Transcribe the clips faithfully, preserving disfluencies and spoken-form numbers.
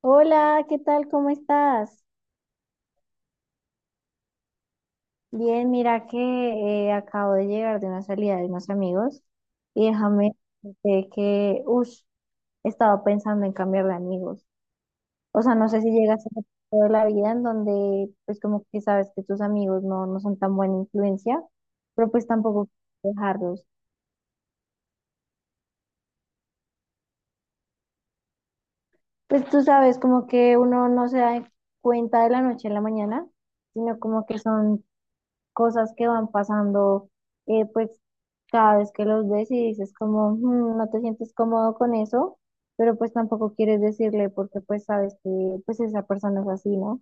Hola, ¿qué tal? ¿Cómo estás? Bien, mira que eh, acabo de llegar de una salida de unos amigos y déjame decirte que, uff, estaba pensando en cambiar de amigos. O sea, no sé si llegas a ese punto de la vida en donde, pues como que sabes que tus amigos no, no son tan buena influencia, pero pues tampoco quieres dejarlos. Pues tú sabes, como que uno no se da cuenta de la noche a la mañana, sino como que son cosas que van pasando, eh, pues cada vez que los ves y dices como, "Mm, no te sientes cómodo con eso, pero pues tampoco quieres decirle porque pues sabes que pues esa persona es así, ¿no?"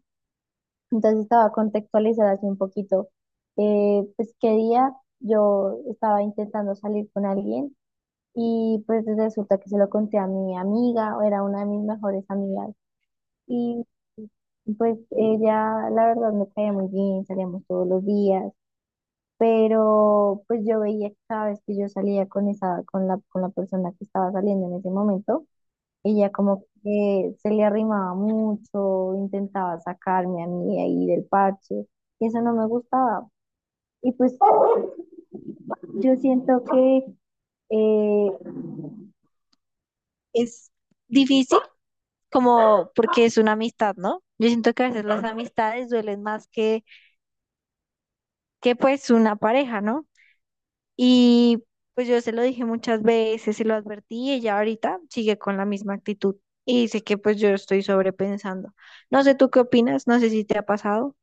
Entonces estaba contextualizada así un poquito, eh, pues qué día yo estaba intentando salir con alguien y pues resulta que se lo conté a mi amiga, o era una de mis mejores amigas. Y pues ella, la verdad, me caía muy bien, salíamos todos los días, pero pues yo veía que cada vez que yo salía con esa, con la, con la persona que estaba saliendo en ese momento, ella como que se le arrimaba mucho, intentaba sacarme a mí ahí del parche, y eso no me gustaba. Y pues yo siento que eh, es difícil como porque es una amistad, ¿no? Yo siento que a veces las amistades duelen más que, que pues una pareja, ¿no? Y pues yo se lo dije muchas veces, se lo advertí y ella ahorita sigue con la misma actitud. Y dice que pues yo estoy sobrepensando. No sé tú qué opinas, no sé si te ha pasado.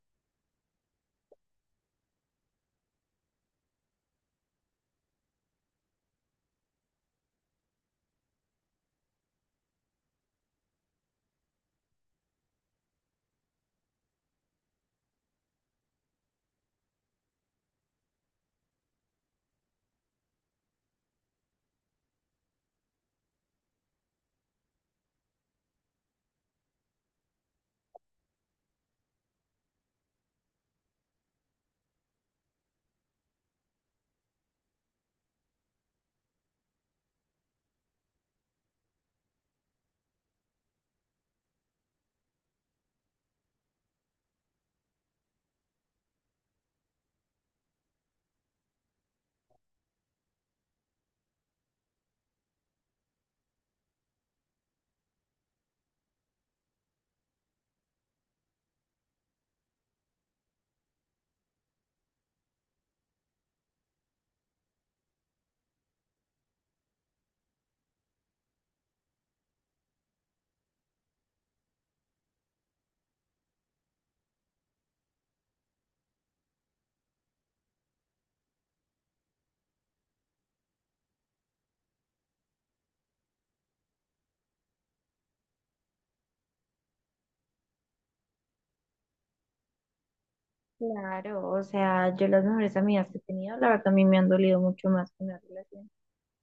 Claro, o sea, yo las mejores amigas que he tenido, la verdad, también me han dolido mucho más que una relación.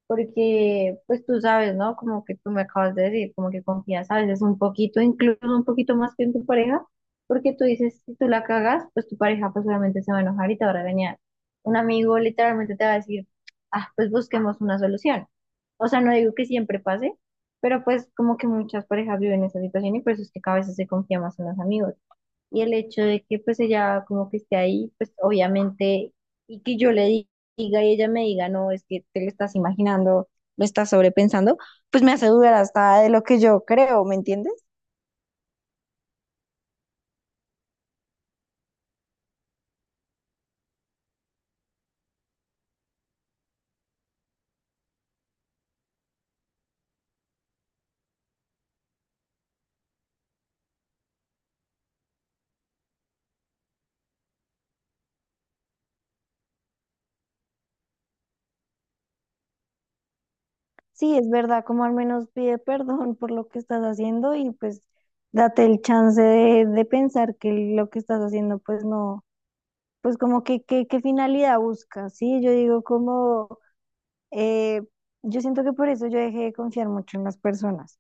Porque pues tú sabes, ¿no? Como que tú me acabas de decir, como que confías a veces un poquito, incluso un poquito más que en tu pareja, porque tú dices, si tú la cagas, pues tu pareja pues obviamente se va a enojar y te va a regañar. Un amigo literalmente te va a decir, ah, pues busquemos una solución. O sea, no digo que siempre pase, pero pues como que muchas parejas viven esa situación y por eso es que cada vez se confía más en los amigos. Y el hecho de que pues ella como que esté ahí, pues obviamente, y que yo le di- diga y ella me diga, no, es que te lo estás imaginando, lo estás sobrepensando, pues me hace dudar hasta de lo que yo creo, ¿me entiendes? Sí, es verdad, como al menos pide perdón por lo que estás haciendo y pues date el chance de, de pensar que lo que estás haciendo pues no, pues como que que- qué finalidad buscas, ¿sí? Yo digo como, eh, yo siento que por eso yo dejé de confiar mucho en las personas.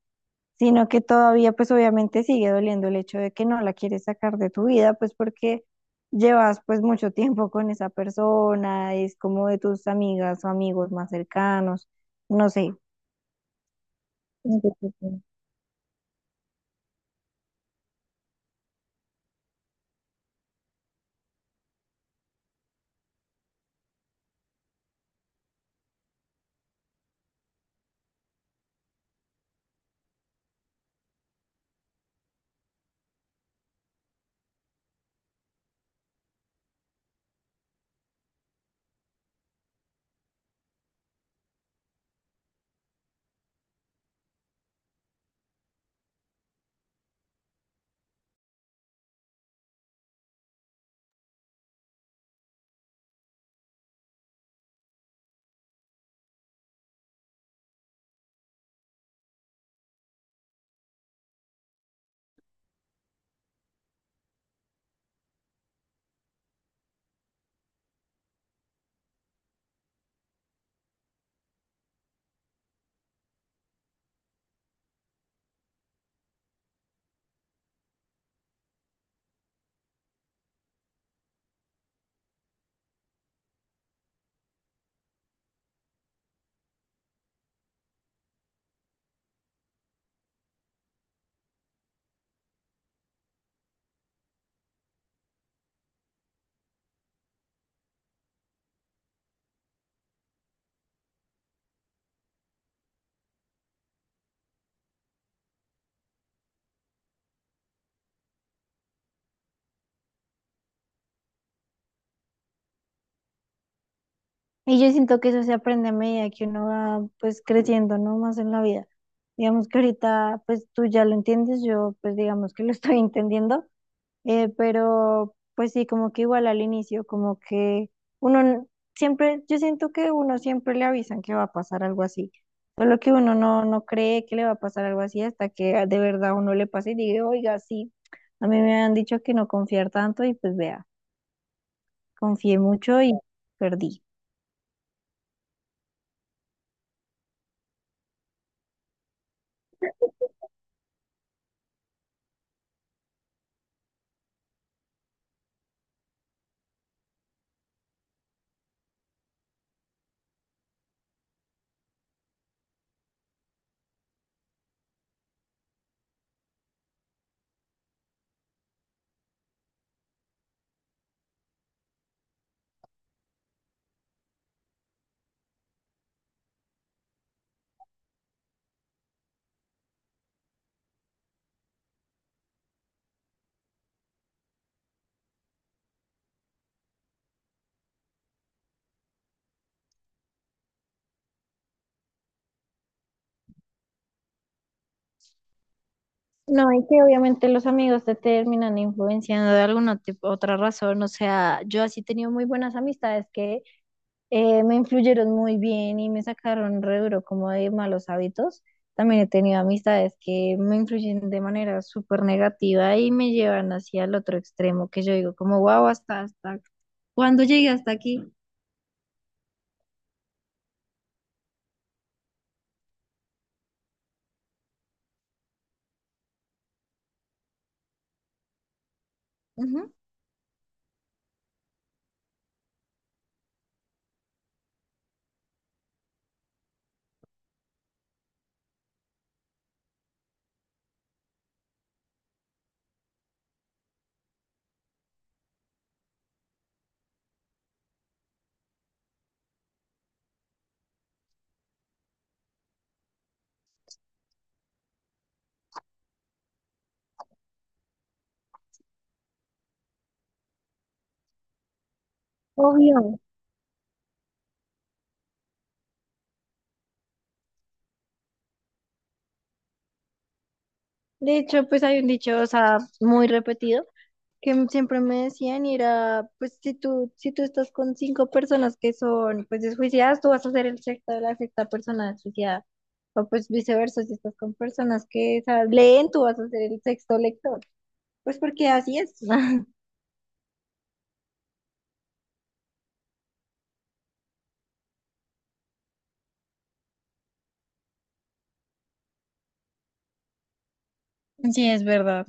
Sino que todavía pues obviamente sigue doliendo el hecho de que no la quieres sacar de tu vida, pues porque llevas pues mucho tiempo con esa persona, es como de tus amigas o amigos más cercanos, no sé. Entonces, sí. Y yo siento que eso se aprende a medida que uno va pues creciendo, ¿no? Más en la vida. Digamos que ahorita pues tú ya lo entiendes, yo pues digamos que lo estoy entendiendo. Eh, pero pues sí, como que igual al inicio, como que uno n- siempre, yo siento que uno siempre le avisan que va a pasar algo así, solo que uno no, no cree que le va a pasar algo así hasta que ah, de verdad uno le pasa y diga, oiga, sí, a mí me han dicho que no confiar tanto y pues vea, confié mucho y perdí. No, y que obviamente los amigos te terminan influenciando de alguna tip- otra razón, o sea, yo así he tenido muy buenas amistades, eh, me influyeron muy bien y me sacaron re duro como de malos hábitos. También he tenido amistades que me influyen de manera súper negativa y me llevan hacia el otro extremo, que yo digo como, wow, hasta, hasta, ¿cuándo llegué hasta aquí? Ujú. Obvio. De hecho, pues hay un dicho, o sea, muy repetido, que m- siempre me decían y era, pues si tú, si tú estás con cinco personas que son pues desjuiciadas, tú vas a ser el sexto de la sexta persona desjuiciada. O pues viceversa, si estás con personas que sa- leen, tú vas a ser el sexto lector. Pues porque así es. Sí, es verdad.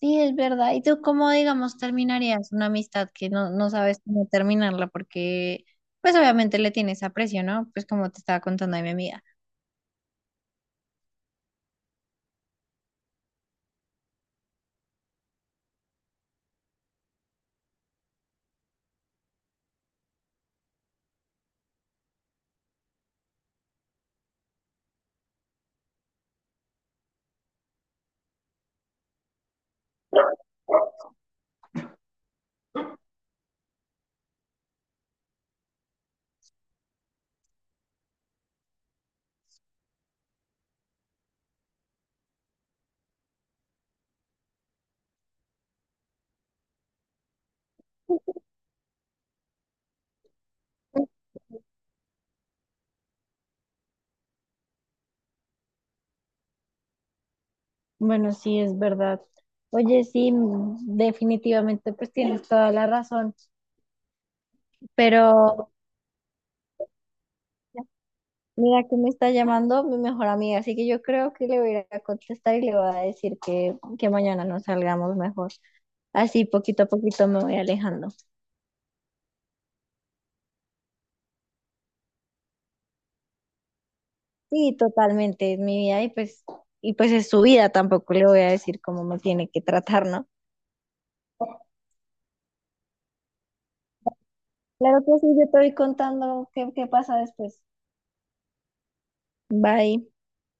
Sí, es verdad. ¿Y tú cómo, digamos, terminarías una amistad que no, no sabes cómo terminarla? Porque, pues obviamente le tienes aprecio, ¿no? Pues como te estaba contando a mi amiga. Bueno, sí, es verdad. Oye, sí, mm, definitivamente, pues tienes toda la razón. Pero mira que me está llamando mi mejor amiga, así que yo creo que le voy a ir a contestar y le voy a decir que, que mañana nos salgamos mejor. Así poquito a poquito me voy alejando. Sí, totalmente, es mi vida y pues, y pues es su vida, tampoco le voy a decir cómo me tiene que tratar, ¿no? Claro que sí, yo te voy contando qué, qué pasa después. Bye.